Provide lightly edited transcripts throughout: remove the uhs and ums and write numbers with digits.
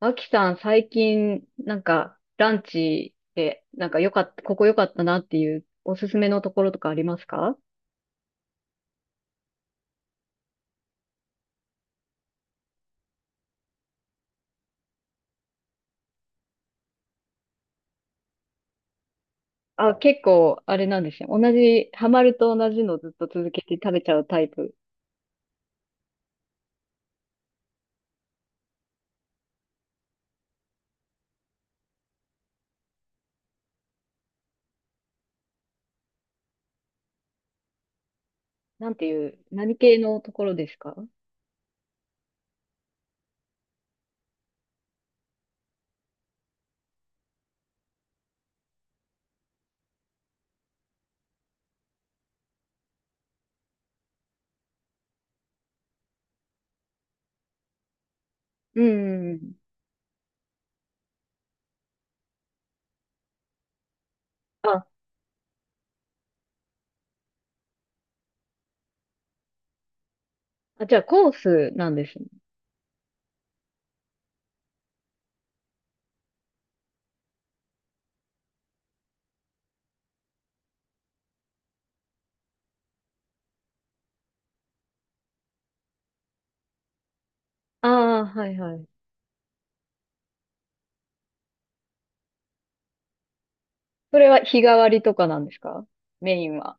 アキさん、最近、なんか、ランチで、なんか良かった、ここ良かったなっていうおすすめのところとかありますか？あ、結構、あれなんですね。同じ、ハマると同じのずっと続けて食べちゃうタイプ。なんていう、何系のところですか？うん。あ、あ、じゃあコースなんですね。ああ、はいはい。それは日替わりとかなんですか？メインは。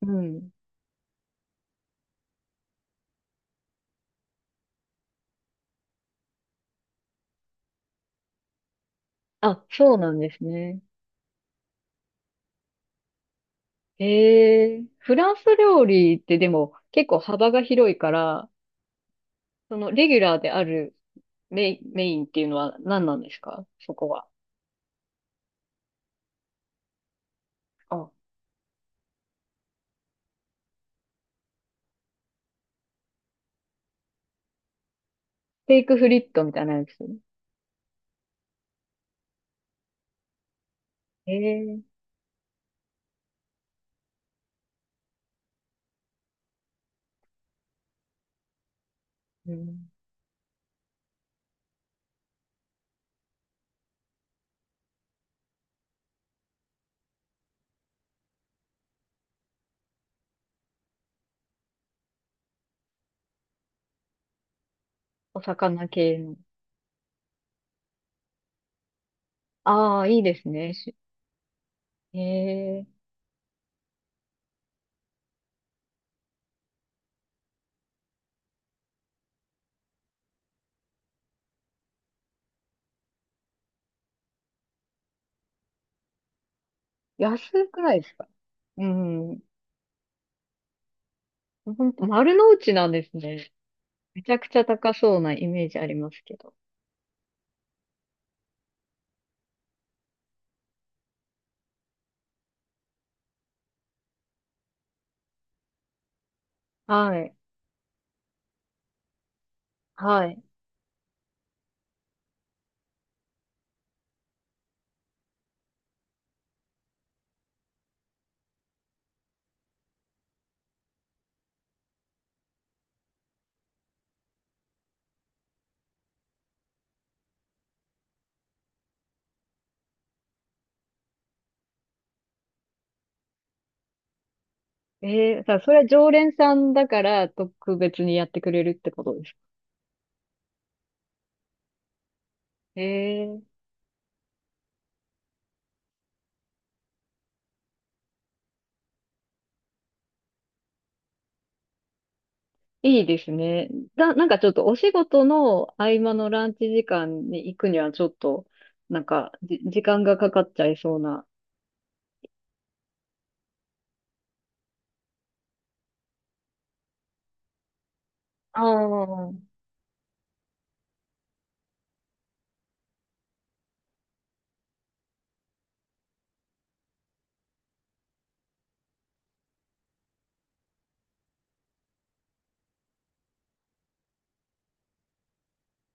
うん。あ、そうなんですね。フランス料理ってでも結構幅が広いから、そのレギュラーであるメインっていうのは何なんですか、そこは。あ、ステークフリットみたいなやつ。えー、うん、お魚系の。ああ、いいですね。えー、安くないですか？うん。ほんと、丸の内なんですね。めちゃくちゃ高そうなイメージありますけど。はい。はい。ええーさ、それは常連さんだから特別にやってくれるってことですか？ええ、いいですね。なんかちょっとお仕事の合間のランチ時間に行くにはちょっと、なんか、時間がかかっちゃいそうな。あ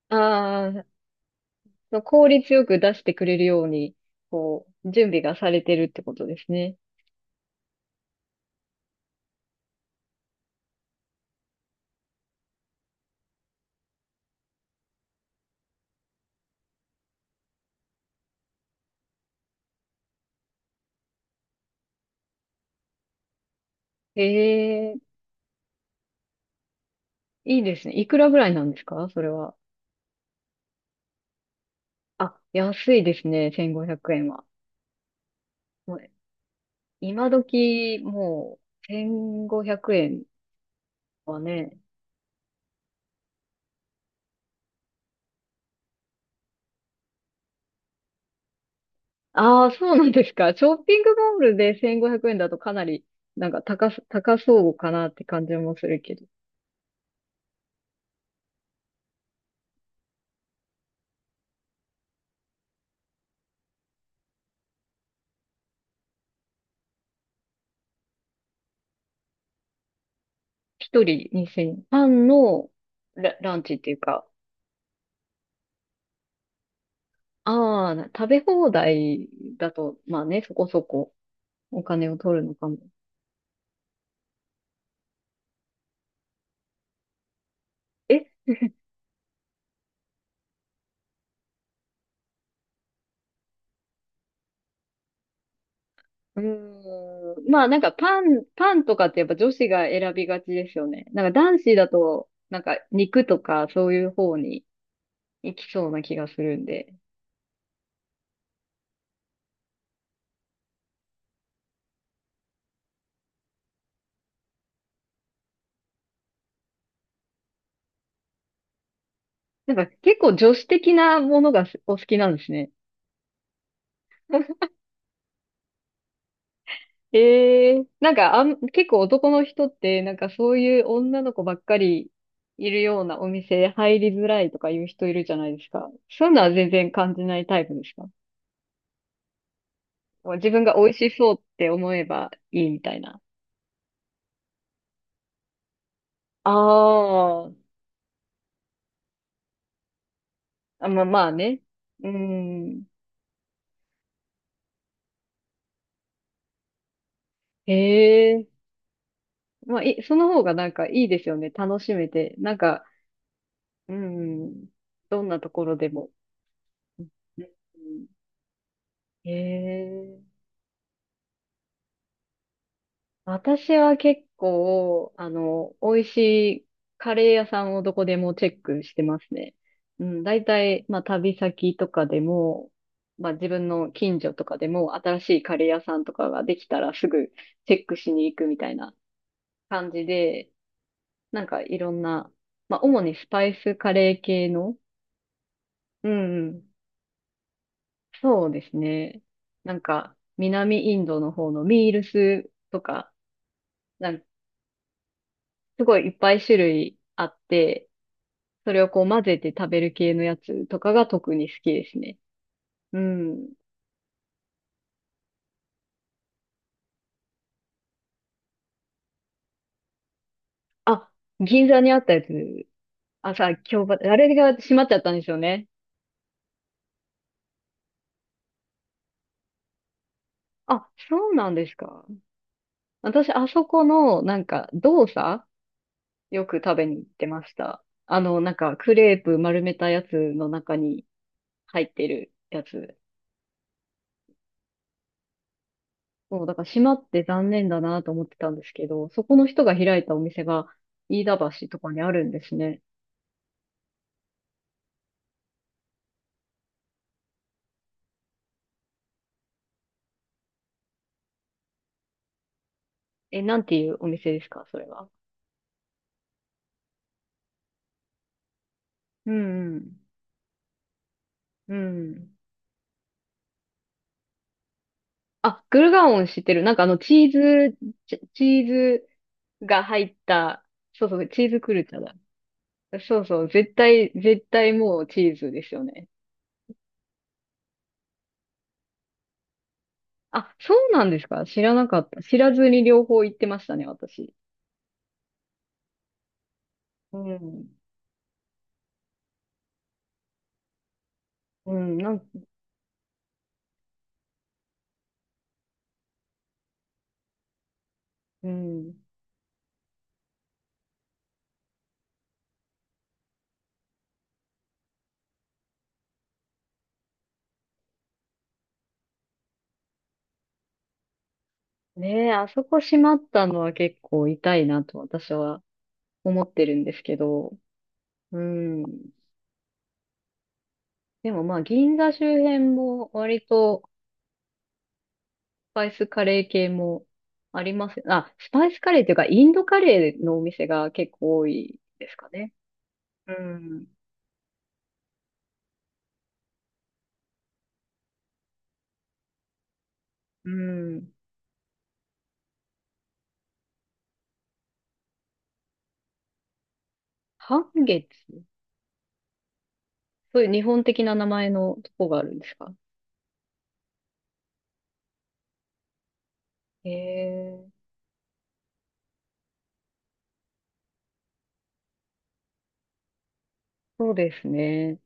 あ、ああ、その効率よく出してくれるように、こう、準備がされてるってことですね。ええ、いいですね。いくらぐらいなんですか、それは。あ、安いですね。1500円は。今時、もう、1500円はね。ああ、そうなんですか。ショッピングモールで1500円だとかなり、なんか高そうかなって感じもするけど。一人2000円。パンのランチっていうか、ああ、食べ放題だと、まあね、そこそこお金を取るのかも。え、うーん、まあなんかパンとかってやっぱ女子が選びがちですよね。なんか男子だと、なんか肉とかそういう方にいきそうな気がするんで。なんか結構女子的なものがお好きなんですね。ええ、なんか結構男の人って、なんかそういう女の子ばっかりいるようなお店入りづらいとかいう人いるじゃないですか。そういうのは全然感じないタイプですか？もう自分が美味しそうって思えばいいみたいな。あーあ、まあまあね。うん。へえ。まあ、その方がなんかいいですよね。楽しめて。なんか、うん。どんなところでも。うん。へえ。私は結構、美味しいカレー屋さんをどこでもチェックしてますね。うん、大体、まあ、旅先とかでも、まあ、自分の近所とかでも、新しいカレー屋さんとかができたらすぐチェックしに行くみたいな感じで、なんかいろんな、まあ、主にスパイスカレー系の、うんうん、そうですね。なんか、南インドの方のミールスとか、なんすごいいっぱい種類あって、それをこう混ぜて食べる系のやつとかが特に好きですね。うん。あ、銀座にあったやつ。あ、さ、今日ば、あれが閉まっちゃったんですよね。あ、そうなんですか。私、あそこの、なんか、動作よく食べに行ってました。あの、なんか、クレープ丸めたやつの中に入ってるやつ。そう、だから閉まって残念だなと思ってたんですけど、そこの人が開いたお店が、飯田橋とかにあるんですね。え、なんていうお店ですか、それは。うん、うん。うん。あ、グルガオン知ってる。なんかあの、チーズ、チーズが入った、そうそう、チーズクルチャだ。そうそう、絶対、絶対もうチーズですよね。あ、そうなんですか、知らなかった。知らずに両方行ってましたね、私。うん。うん、うん。ねえ、あそこ閉まったのは結構痛いなと私は思ってるんですけど。うん。でもまあ、銀座周辺も割とスパイスカレー系もあります。あ、スパイスカレーというか、インドカレーのお店が結構多いですかね。うん。うん。半月、そういう日本的な名前のとこがあるんですか？へえ。そうですね。